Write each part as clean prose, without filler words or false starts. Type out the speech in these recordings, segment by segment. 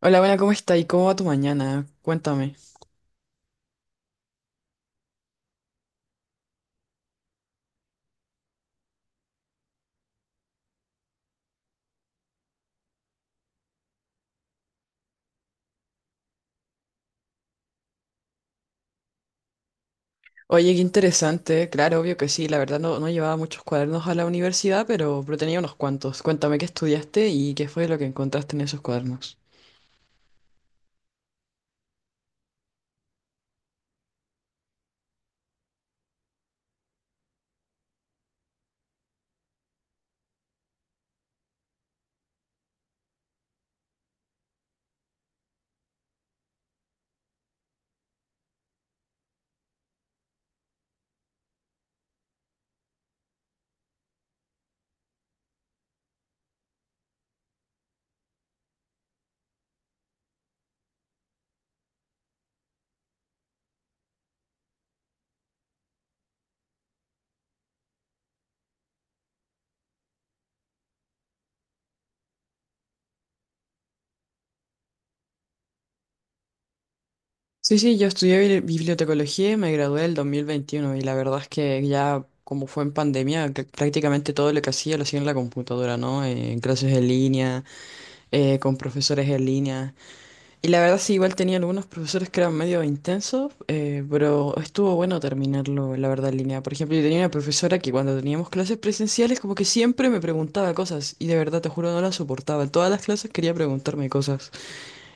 Hola, buena, ¿cómo está? ¿Y cómo va tu mañana? Cuéntame. Oye, qué interesante. Claro, obvio que sí. La verdad no, no llevaba muchos cuadernos a la universidad, pero tenía unos cuantos. Cuéntame qué estudiaste y qué fue lo que encontraste en esos cuadernos. Sí, sí, yo estudié bibliotecología y me gradué el 2021, y la verdad es que ya como fue en pandemia, que prácticamente todo lo que hacía lo hacía en la computadora, ¿no? En clases en línea, con profesores en línea. Y la verdad sí, igual tenía algunos profesores que eran medio intensos, pero estuvo bueno terminarlo, la verdad, en línea. Por ejemplo, yo tenía una profesora que cuando teníamos clases presenciales como que siempre me preguntaba cosas y de verdad, te juro, no la soportaba. En todas las clases quería preguntarme cosas.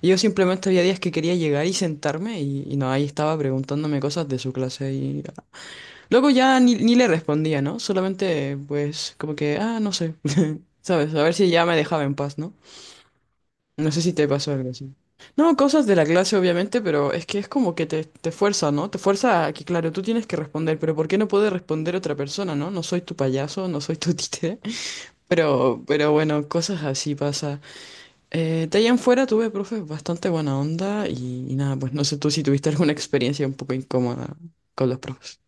Y yo simplemente había días que quería llegar y sentarme y no, ahí estaba preguntándome cosas de su clase y luego ya ni le respondía, ¿no? Solamente pues como que, ah, no sé, ¿sabes? A ver si ya me dejaba en paz, ¿no? No sé si te pasó algo así. No, cosas de la clase, obviamente, pero es que es como que te fuerza, ¿no? Te fuerza a que, claro, tú tienes que responder, pero ¿por qué no puede responder otra persona, ¿no? No soy tu payaso, no soy tu títere. Pero bueno, cosas así pasa. De ahí en fuera tuve profes bastante buena onda y nada, pues no sé tú si tuviste alguna experiencia un poco incómoda con los profes.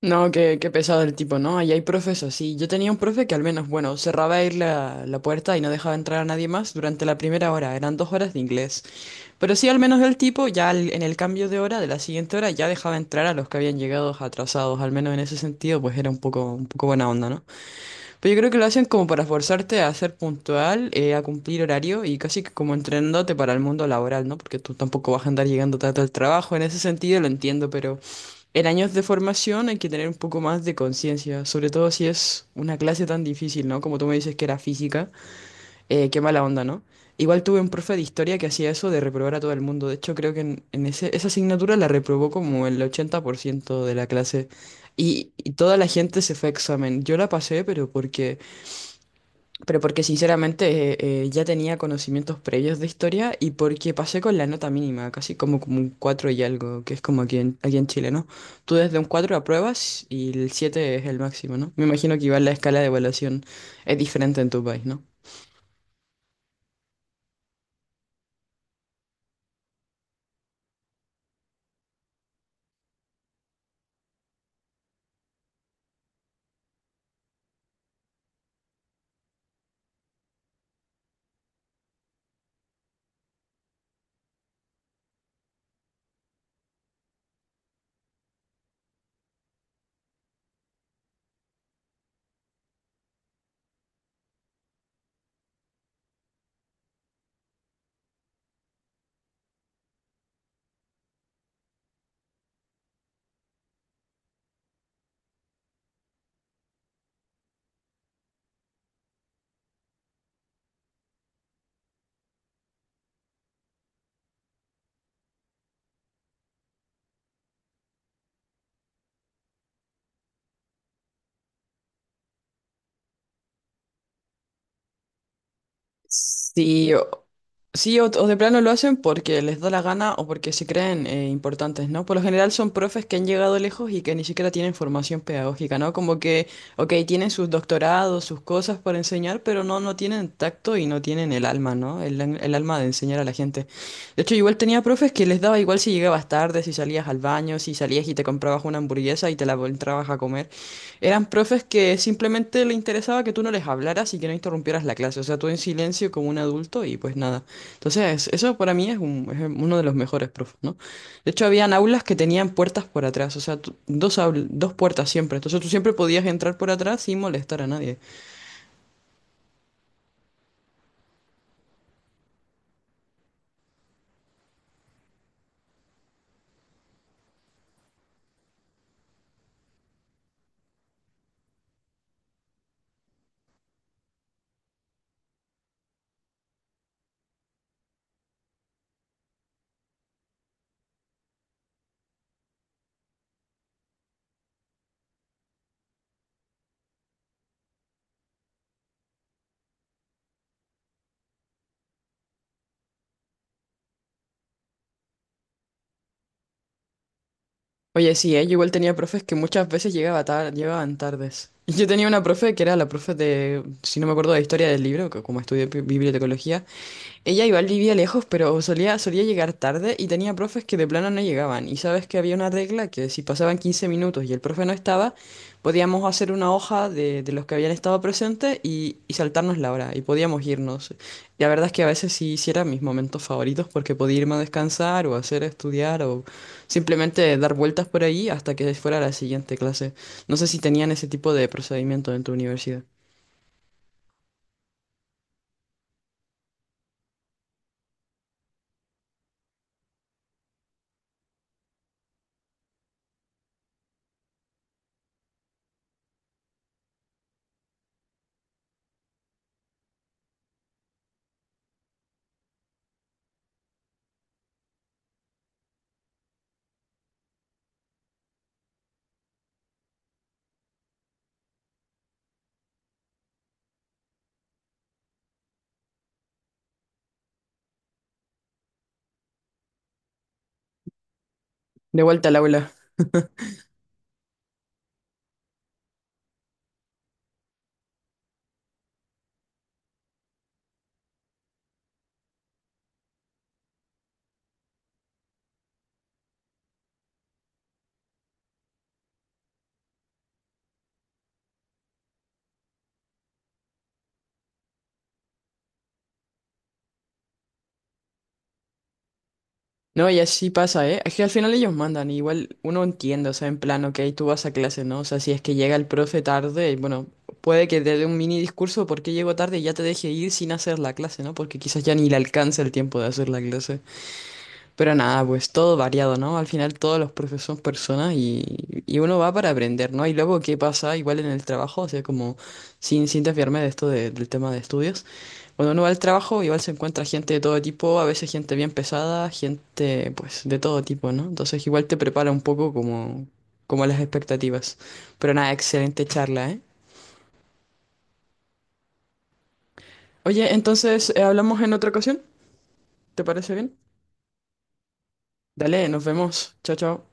No, qué pesado el tipo, ¿no? Ahí hay profes así. Yo tenía un profe que al menos, bueno, cerraba ahí la puerta y no dejaba entrar a nadie más durante la primera hora. Eran 2 horas de inglés. Pero sí, al menos el tipo, ya en el cambio de hora, de la siguiente hora, ya dejaba entrar a los que habían llegado atrasados. Al menos en ese sentido, pues era un poco buena onda, ¿no? Pero yo creo que lo hacen como para forzarte a ser puntual, a cumplir horario y casi que como entrenándote para el mundo laboral, ¿no? Porque tú tampoco vas a andar llegando tarde al trabajo. En ese sentido lo entiendo, pero en años de formación hay que tener un poco más de conciencia, sobre todo si es una clase tan difícil, ¿no? Como tú me dices que era física, qué mala onda, ¿no? Igual tuve un profe de historia que hacía eso de reprobar a todo el mundo. De hecho, creo que en ese, esa asignatura la reprobó como el 80% de la clase. Y toda la gente se fue a examen. Yo la pasé, pero porque sinceramente ya tenía conocimientos previos de historia y porque pasé con la nota mínima, casi como un 4 y algo, que es como aquí en Chile, ¿no? Tú desde un 4 apruebas y el 7 es el máximo, ¿no? Me imagino que igual la escala de evaluación es diferente en tu país, ¿no? Sí, sí, o de plano lo hacen porque les da la gana o porque se creen importantes, ¿no? Por lo general son profes que han llegado lejos y que ni siquiera tienen formación pedagógica, ¿no? Como que, ok, tienen sus doctorados, sus cosas para enseñar, pero no, no tienen tacto y no tienen el alma, ¿no? El alma de enseñar a la gente. De hecho, igual tenía profes que les daba igual si llegabas tarde, si salías al baño, si salías y te comprabas una hamburguesa y te la entrabas a comer. Eran profes que simplemente le interesaba que tú no les hablaras y que no interrumpieras la clase, o sea, tú en silencio como un adulto y pues nada. Entonces, eso para mí es, es uno de los mejores profes, ¿no? De hecho, habían aulas que tenían puertas por atrás, o sea, dos, dos puertas siempre. Entonces, tú siempre podías entrar por atrás sin molestar a nadie. Oye, sí, ¿eh? Yo igual tenía profes que muchas veces llegaban tardes. Yo tenía una profe que era la profe de, si no me acuerdo, de historia del libro, que como estudié bibliotecología. Ella igual vivía lejos, pero solía llegar tarde y tenía profes que de plano no llegaban. Y sabes que había una regla que si pasaban 15 minutos y el profe no estaba, podíamos hacer una hoja de los que habían estado presentes y saltarnos la hora y podíamos irnos. La verdad es que a veces sí, sí eran mis momentos favoritos porque podía irme a descansar o hacer estudiar o simplemente dar vueltas por ahí hasta que fuera la siguiente clase. No sé si tenían ese tipo de procedimiento en tu universidad. De vuelta al aula. No, y así pasa, ¿eh? Es que al final ellos mandan, igual uno entiende, o sea, en plan, ok, tú vas a clase, ¿no? O sea, si es que llega el profe tarde, bueno, puede que te dé un mini discurso porque llegó tarde y ya te deje ir sin hacer la clase, ¿no? Porque quizás ya ni le alcanza el tiempo de hacer la clase. Pero nada, pues todo variado, ¿no? Al final todos los profes son personas y uno va para aprender, ¿no? Y luego, ¿qué pasa? Igual en el trabajo, o sea, como sin desviarme de esto del tema de estudios, cuando uno va al trabajo, igual se encuentra gente de todo tipo, a veces gente bien pesada, gente pues de todo tipo, ¿no? Entonces igual te prepara un poco como las expectativas. Pero nada, excelente charla, ¿eh? Oye, entonces hablamos en otra ocasión, ¿te parece bien? Dale, nos vemos. Chao, chao.